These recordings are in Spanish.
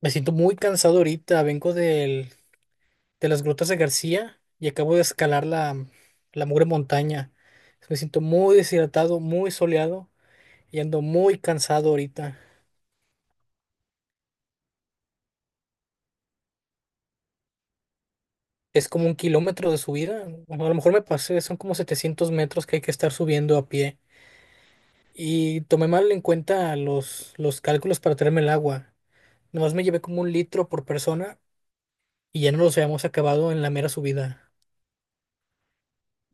Me siento muy cansado ahorita, de las grutas de García y acabo de escalar la mugre montaña. Me siento muy deshidratado, muy soleado y ando muy cansado ahorita. Es como un kilómetro de subida, bueno, a lo mejor me pasé, son como 700 metros que hay que estar subiendo a pie. Y tomé mal en cuenta los cálculos para traerme el agua. Nomás me llevé como un litro por persona y ya no los habíamos acabado en la mera subida.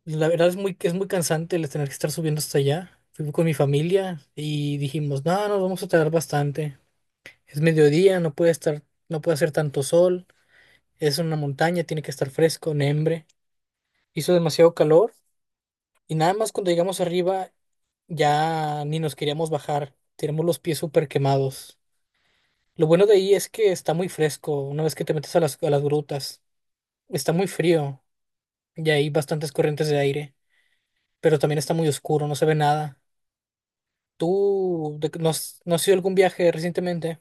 Pues la verdad es es muy cansante el tener que estar subiendo hasta allá. Fui con mi familia y dijimos, no, nos vamos a tardar bastante. Es mediodía, no puede hacer tanto sol. Es una montaña, tiene que estar fresco, nembre. Hizo demasiado calor y nada más cuando llegamos arriba ya ni nos queríamos bajar. Tenemos los pies súper quemados. Lo bueno de ahí es que está muy fresco una vez que te metes a a las grutas. Está muy frío y hay bastantes corrientes de aire, pero también está muy oscuro, no se ve nada. ¿Tú de no has, no has ido a algún viaje recientemente?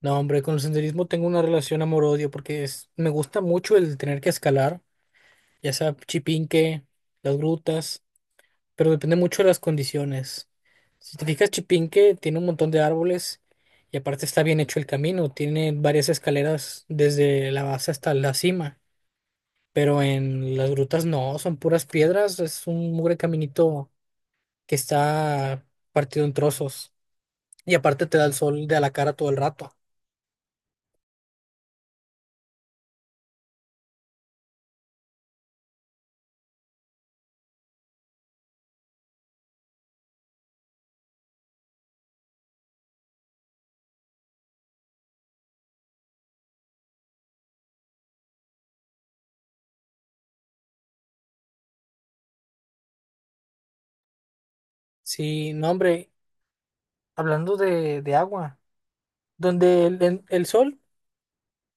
No, hombre, con el senderismo tengo una relación amor-odio me gusta mucho el tener que escalar, ya sea Chipinque, las grutas, pero depende mucho de las condiciones. Si te fijas, Chipinque tiene un montón de árboles y aparte está bien hecho el camino, tiene varias escaleras desde la base hasta la cima, pero en las grutas no, son puras piedras, es un mugre caminito que está partido en trozos. Y aparte te da el sol de a la cara todo el rato. Sí, no, hombre, hablando de agua, donde el sol,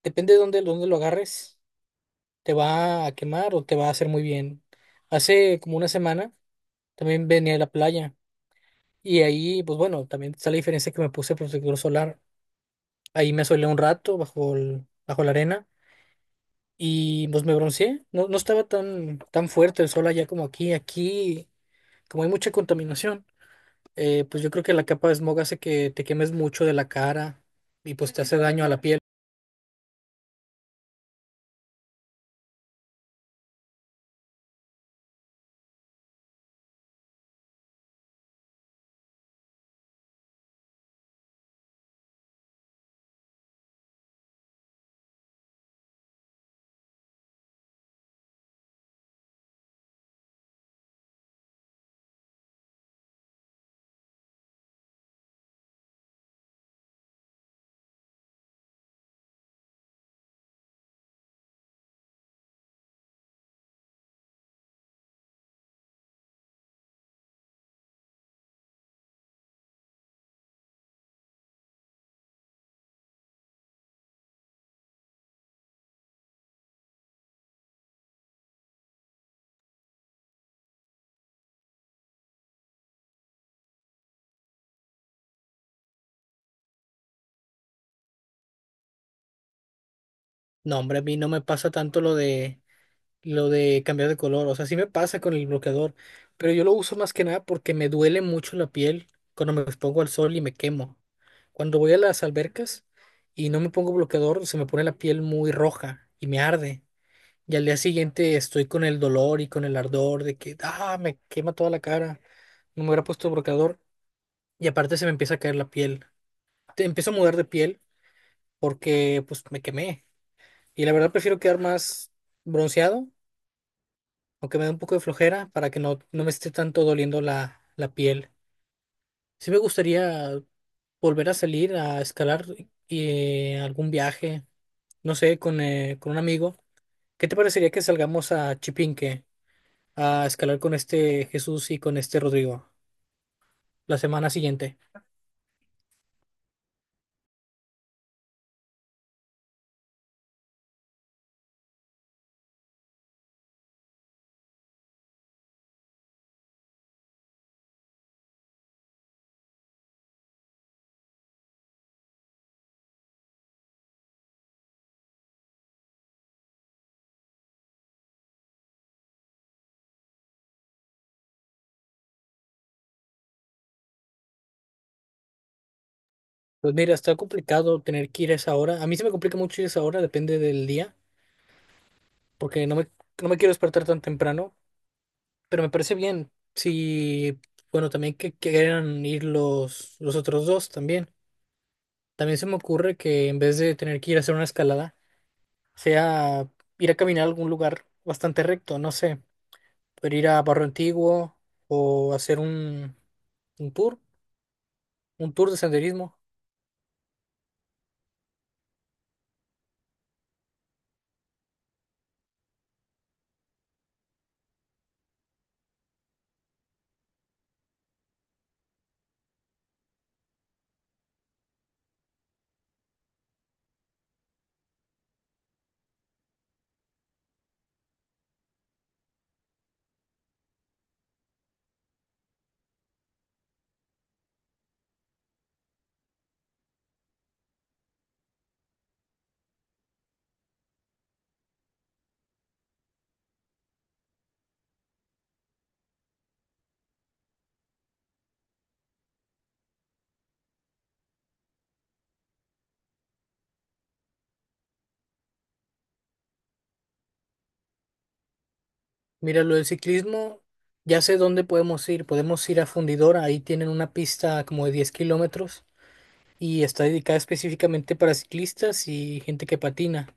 depende de dónde lo agarres, te va a quemar o te va a hacer muy bien. Hace como una semana también venía a la playa y ahí, pues bueno, también está la diferencia que me puse protector solar. Ahí me asolé un rato bajo la arena y pues me bronceé. No, no estaba tan fuerte el sol allá como aquí. Aquí, como hay mucha contaminación. Pues yo creo que la capa de smog hace que te quemes mucho de la cara y pues te hace daño a la piel. No, hombre, a mí no me pasa tanto lo de cambiar de color. O sea, sí me pasa con el bloqueador, pero yo lo uso más que nada porque me duele mucho la piel cuando me expongo al sol y me quemo. Cuando voy a las albercas y no me pongo bloqueador, se me pone la piel muy roja y me arde. Y al día siguiente estoy con el dolor y con el ardor de que, ah, me quema toda la cara. No me hubiera puesto bloqueador y aparte se me empieza a caer la piel. Te empiezo a mudar de piel porque pues me quemé. Y la verdad prefiero quedar más bronceado, aunque me dé un poco de flojera para que no me esté tanto doliendo la piel. Sí me gustaría volver a salir a escalar algún viaje, no sé, con un amigo. ¿Qué te parecería que salgamos a Chipinque a escalar con este Jesús y con este Rodrigo la semana siguiente? Pues mira, está complicado tener que ir a esa hora. A mí se me complica mucho ir a esa hora, depende del día porque no me quiero despertar tan temprano, pero me parece bien. Sí, bueno, también que quieran ir los otros dos también. También se me ocurre que en vez de tener que ir a hacer una escalada, sea ir a caminar a algún lugar bastante recto, no sé, poder ir a Barrio Antiguo o hacer un tour, un tour de senderismo. Mira, lo del ciclismo, ya sé dónde podemos ir. Podemos ir a Fundidora, ahí tienen una pista como de 10 kilómetros y está dedicada específicamente para ciclistas y gente que patina.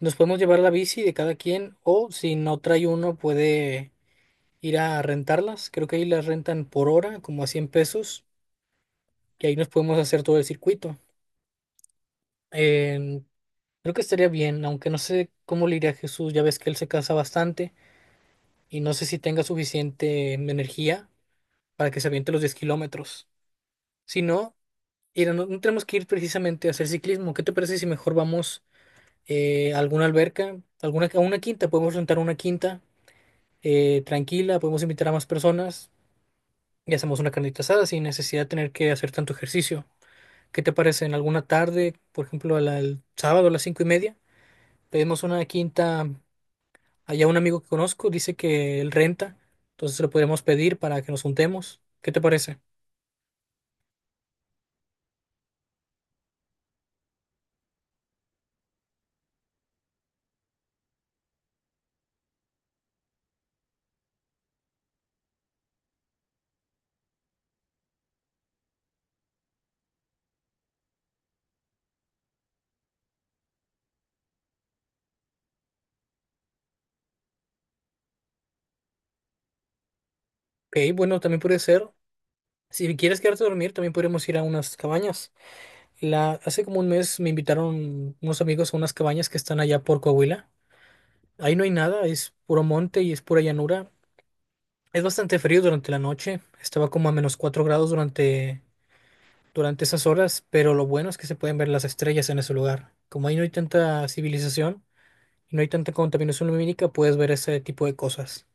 Nos podemos llevar la bici de cada quien o si no trae uno puede ir a rentarlas. Creo que ahí las rentan por hora, como a 100 pesos, y ahí nos podemos hacer todo el circuito. En- Creo que estaría bien, aunque no sé cómo le iría a Jesús, ya ves que él se cansa bastante y no sé si tenga suficiente energía para que se aviente los 10 kilómetros. Si no, mira, no tenemos que ir precisamente a hacer ciclismo. ¿Qué te parece si mejor vamos? Alguna alberca, a una quinta, podemos rentar una quinta tranquila, podemos invitar a más personas y hacemos una carnita asada sin necesidad de tener que hacer tanto ejercicio. ¿Qué te parece? En alguna tarde, por ejemplo, el sábado a las 5:30, pedimos una quinta. Allá un amigo que conozco dice que él renta, entonces lo podríamos pedir para que nos juntemos. ¿Qué te parece? Ok, bueno, también puede ser. Si quieres quedarte a dormir, también podríamos ir a unas cabañas. Hace como un mes me invitaron unos amigos a unas cabañas que están allá por Coahuila. Ahí no hay nada, es puro monte y es pura llanura. Es bastante frío durante la noche, estaba como a -4 grados durante esas horas, pero lo bueno es que se pueden ver las estrellas en ese lugar. Como ahí no hay tanta civilización y no hay tanta contaminación lumínica, puedes ver ese tipo de cosas.